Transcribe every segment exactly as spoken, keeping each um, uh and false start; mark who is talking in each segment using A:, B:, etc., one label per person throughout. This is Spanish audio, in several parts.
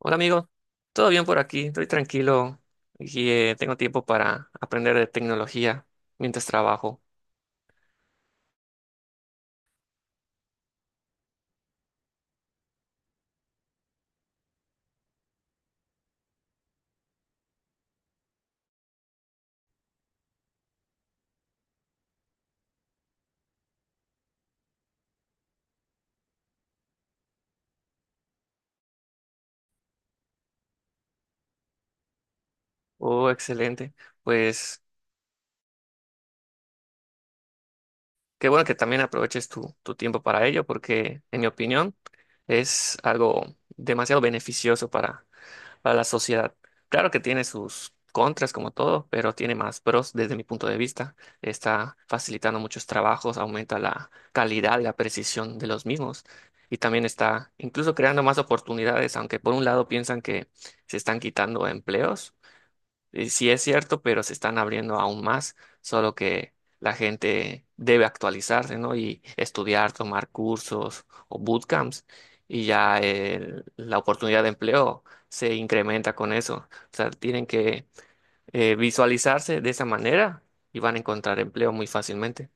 A: Hola amigo, ¿todo bien por aquí? Estoy tranquilo y eh, tengo tiempo para aprender de tecnología mientras trabajo. Oh, excelente. Pues qué bueno que también aproveches tu, tu tiempo para ello porque en mi opinión es algo demasiado beneficioso para para la sociedad. Claro que tiene sus contras como todo, pero tiene más pros desde mi punto de vista. Está facilitando muchos trabajos, aumenta la calidad y la precisión de los mismos. Y también está incluso creando más oportunidades, aunque por un lado piensan que se están quitando empleos, eh, Sí es cierto, pero se están abriendo aún más, solo que la gente debe actualizarse, ¿no? Y estudiar, tomar cursos o bootcamps, y ya el- la oportunidad de empleo se incrementa con eso. O sea, tienen que eh, visualizarse de esa manera y van a encontrar empleo muy fácilmente.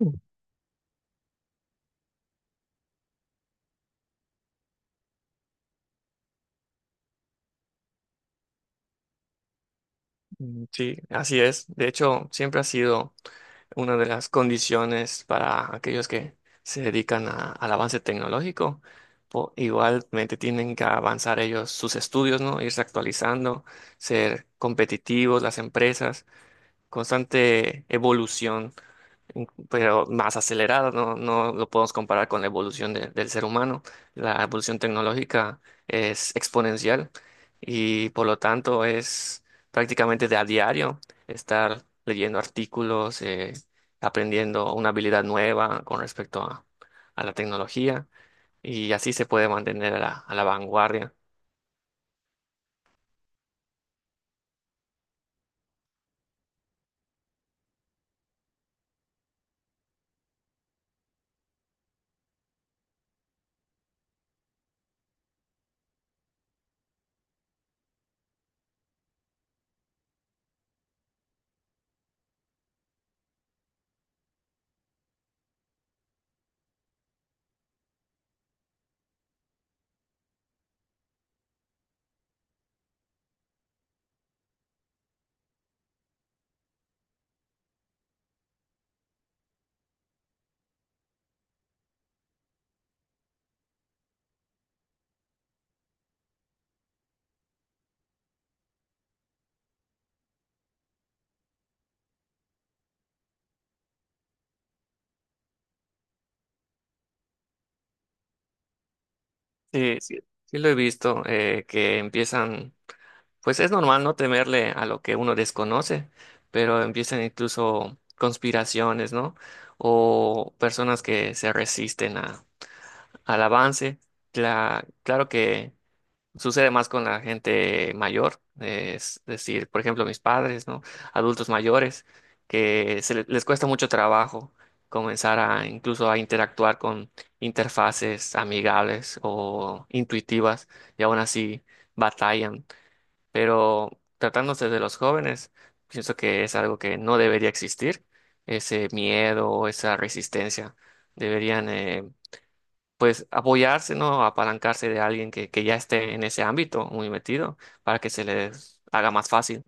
A: Mm. Mm, sí, así es. De hecho, siempre ha sido una de las condiciones para aquellos que se dedican a- al avance tecnológico, po- igualmente tienen que avanzar ellos sus estudios, ¿no? Irse actualizando, ser competitivos, las empresas, constante evolución pero más acelerada no, no lo podemos comparar con la evolución de- del ser humano. La evolución tecnológica es exponencial y por lo tanto es prácticamente de a diario estar leyendo artículos, eh, aprendiendo una habilidad nueva con respecto a, a la tecnología y así se puede mantener a la, a la vanguardia. Sí, sí, sí lo he visto, eh, que empiezan. Pues es normal no temerle a lo que uno desconoce, pero empiezan incluso conspiraciones, ¿no? O personas que se resisten a, al avance. Cla- claro que sucede más con la gente mayor, es decir, por ejemplo, mis padres, ¿no? Adultos mayores, que se le- les cuesta mucho trabajo comenzar a incluso a interactuar con interfaces amigables o intuitivas y aún así batallan, pero tratándose de los jóvenes, pienso que es algo que no debería existir, ese miedo o esa resistencia. Deberían, eh, pues, apoyarse, ¿no? Apalancarse de alguien que, que ya esté en ese ámbito muy metido para que se les haga más fácil.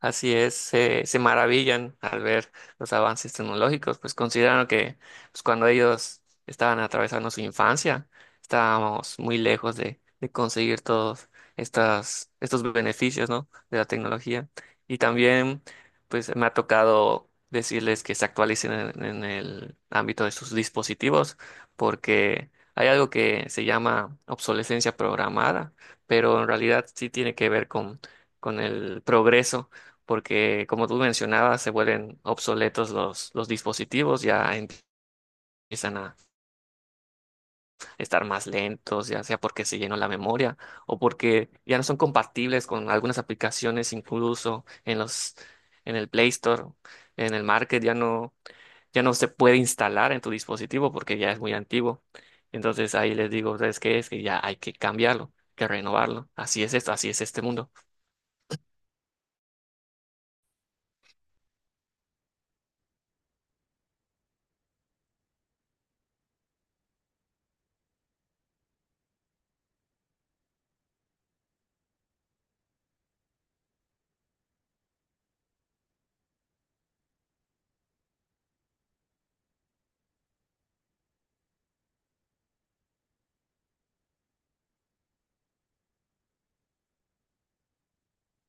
A: Así es, se, se maravillan al ver los avances tecnológicos, pues consideran que, pues, cuando ellos estaban atravesando su infancia, estábamos muy lejos de, de conseguir todos estas, estos beneficios, ¿no?, de la tecnología. Y también, pues me ha tocado decirles que se actualicen en, en el ámbito de sus dispositivos, porque hay algo que se llama obsolescencia programada, pero en realidad sí tiene que ver con, con el progreso, porque como tú mencionabas, se vuelven obsoletos los, los dispositivos, ya empiezan a estar más lentos, ya sea porque se llenó la memoria o porque ya no son compatibles con algunas aplicaciones, incluso en los, en el Play Store, en el Market, ya no, ya no se puede instalar en tu dispositivo porque ya es muy antiguo. Entonces ahí les digo, ¿sabes qué? Es que ya hay que cambiarlo, que renovarlo. Así es esto, así es este mundo.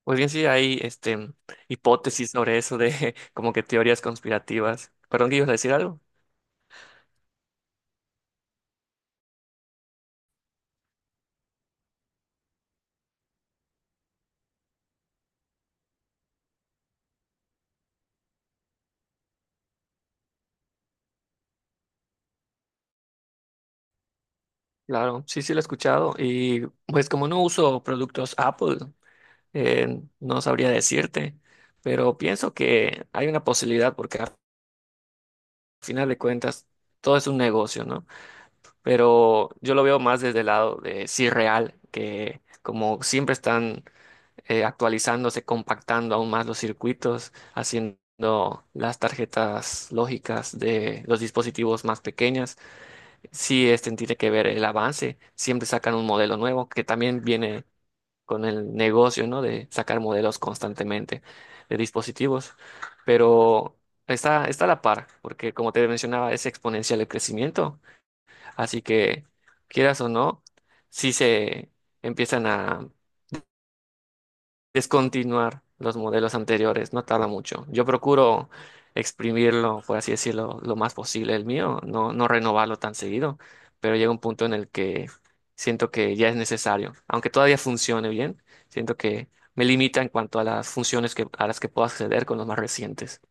A: Pues bien, sí, hay este, hipótesis sobre eso de como que teorías conspirativas. Perdón, que ibas a decir algo. Claro, sí, sí lo he escuchado. Y pues como no uso productos Apple, eh, no sabría decirte, pero pienso que hay una posibilidad porque al final de cuentas todo es un negocio, ¿no? Pero yo lo veo más desde el lado de sí real, que como siempre están eh, actualizándose, compactando aún más los circuitos, haciendo las tarjetas lógicas de los dispositivos más pequeñas. Sí, este tiene que ver el avance. Siempre sacan un modelo nuevo que también viene con el negocio, ¿no?, de sacar modelos constantemente de dispositivos. Pero está, está a la par, porque como te mencionaba, es exponencial el crecimiento. Así que, quieras o no, sí se empiezan a descontinuar los modelos anteriores, no tarda mucho. Yo procuro exprimirlo, por así decirlo, lo más posible el mío, no, no renovarlo tan seguido, pero llega un punto en el que siento que ya es necesario, aunque todavía funcione bien, siento que me limita en cuanto a las funciones que, a las que puedo acceder con los más recientes.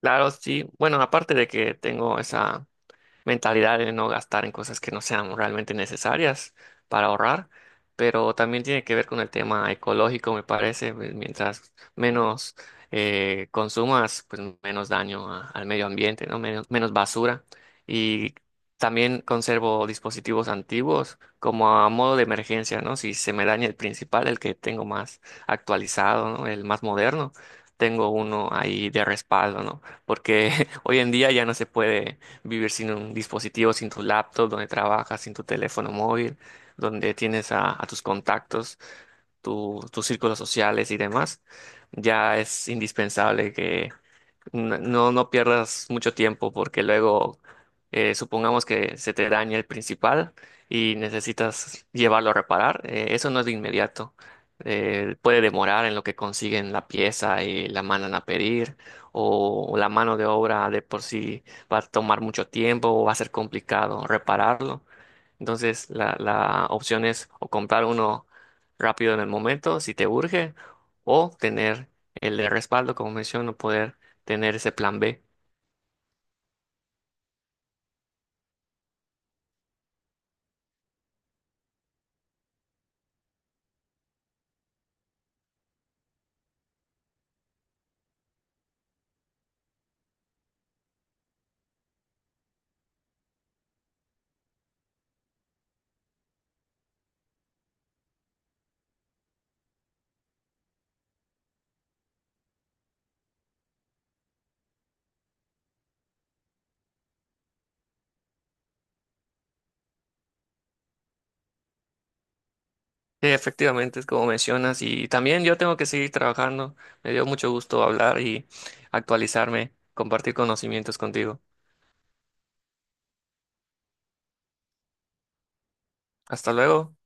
A: Claro, sí. Bueno, aparte de que tengo esa mentalidad de no gastar en cosas que no sean realmente necesarias para ahorrar, pero también tiene que ver con el tema ecológico, me parece, pues, mientras menos eh, consumas, pues menos daño a- al medio ambiente, ¿no? Menos, menos basura. Y también conservo dispositivos antiguos como a modo de emergencia, ¿no? Si se me daña el principal, el que tengo más actualizado, ¿no?, el más moderno. Tengo uno ahí de respaldo, ¿no? Porque hoy en día ya no se puede vivir sin un dispositivo, sin tu laptop, donde trabajas, sin tu teléfono móvil, donde tienes a, a tus contactos, tu- tus círculos sociales y demás. Ya es indispensable que n- No, no pierdas mucho tiempo porque luego, eh, supongamos que se te daña el principal y necesitas llevarlo a reparar. eh, eso no es de inmediato. Eh, puede demorar en lo que consiguen la pieza y la mandan a pedir, o la mano de obra de por sí va a tomar mucho tiempo o va a ser complicado repararlo. Entonces, la, la opción es o comprar uno rápido en el momento, si te urge, o tener el de respaldo, como menciono, poder tener ese plan be. Sí, efectivamente, es como mencionas, y también yo tengo que seguir trabajando. Me dio mucho gusto hablar y actualizarme, compartir conocimientos contigo. Hasta luego.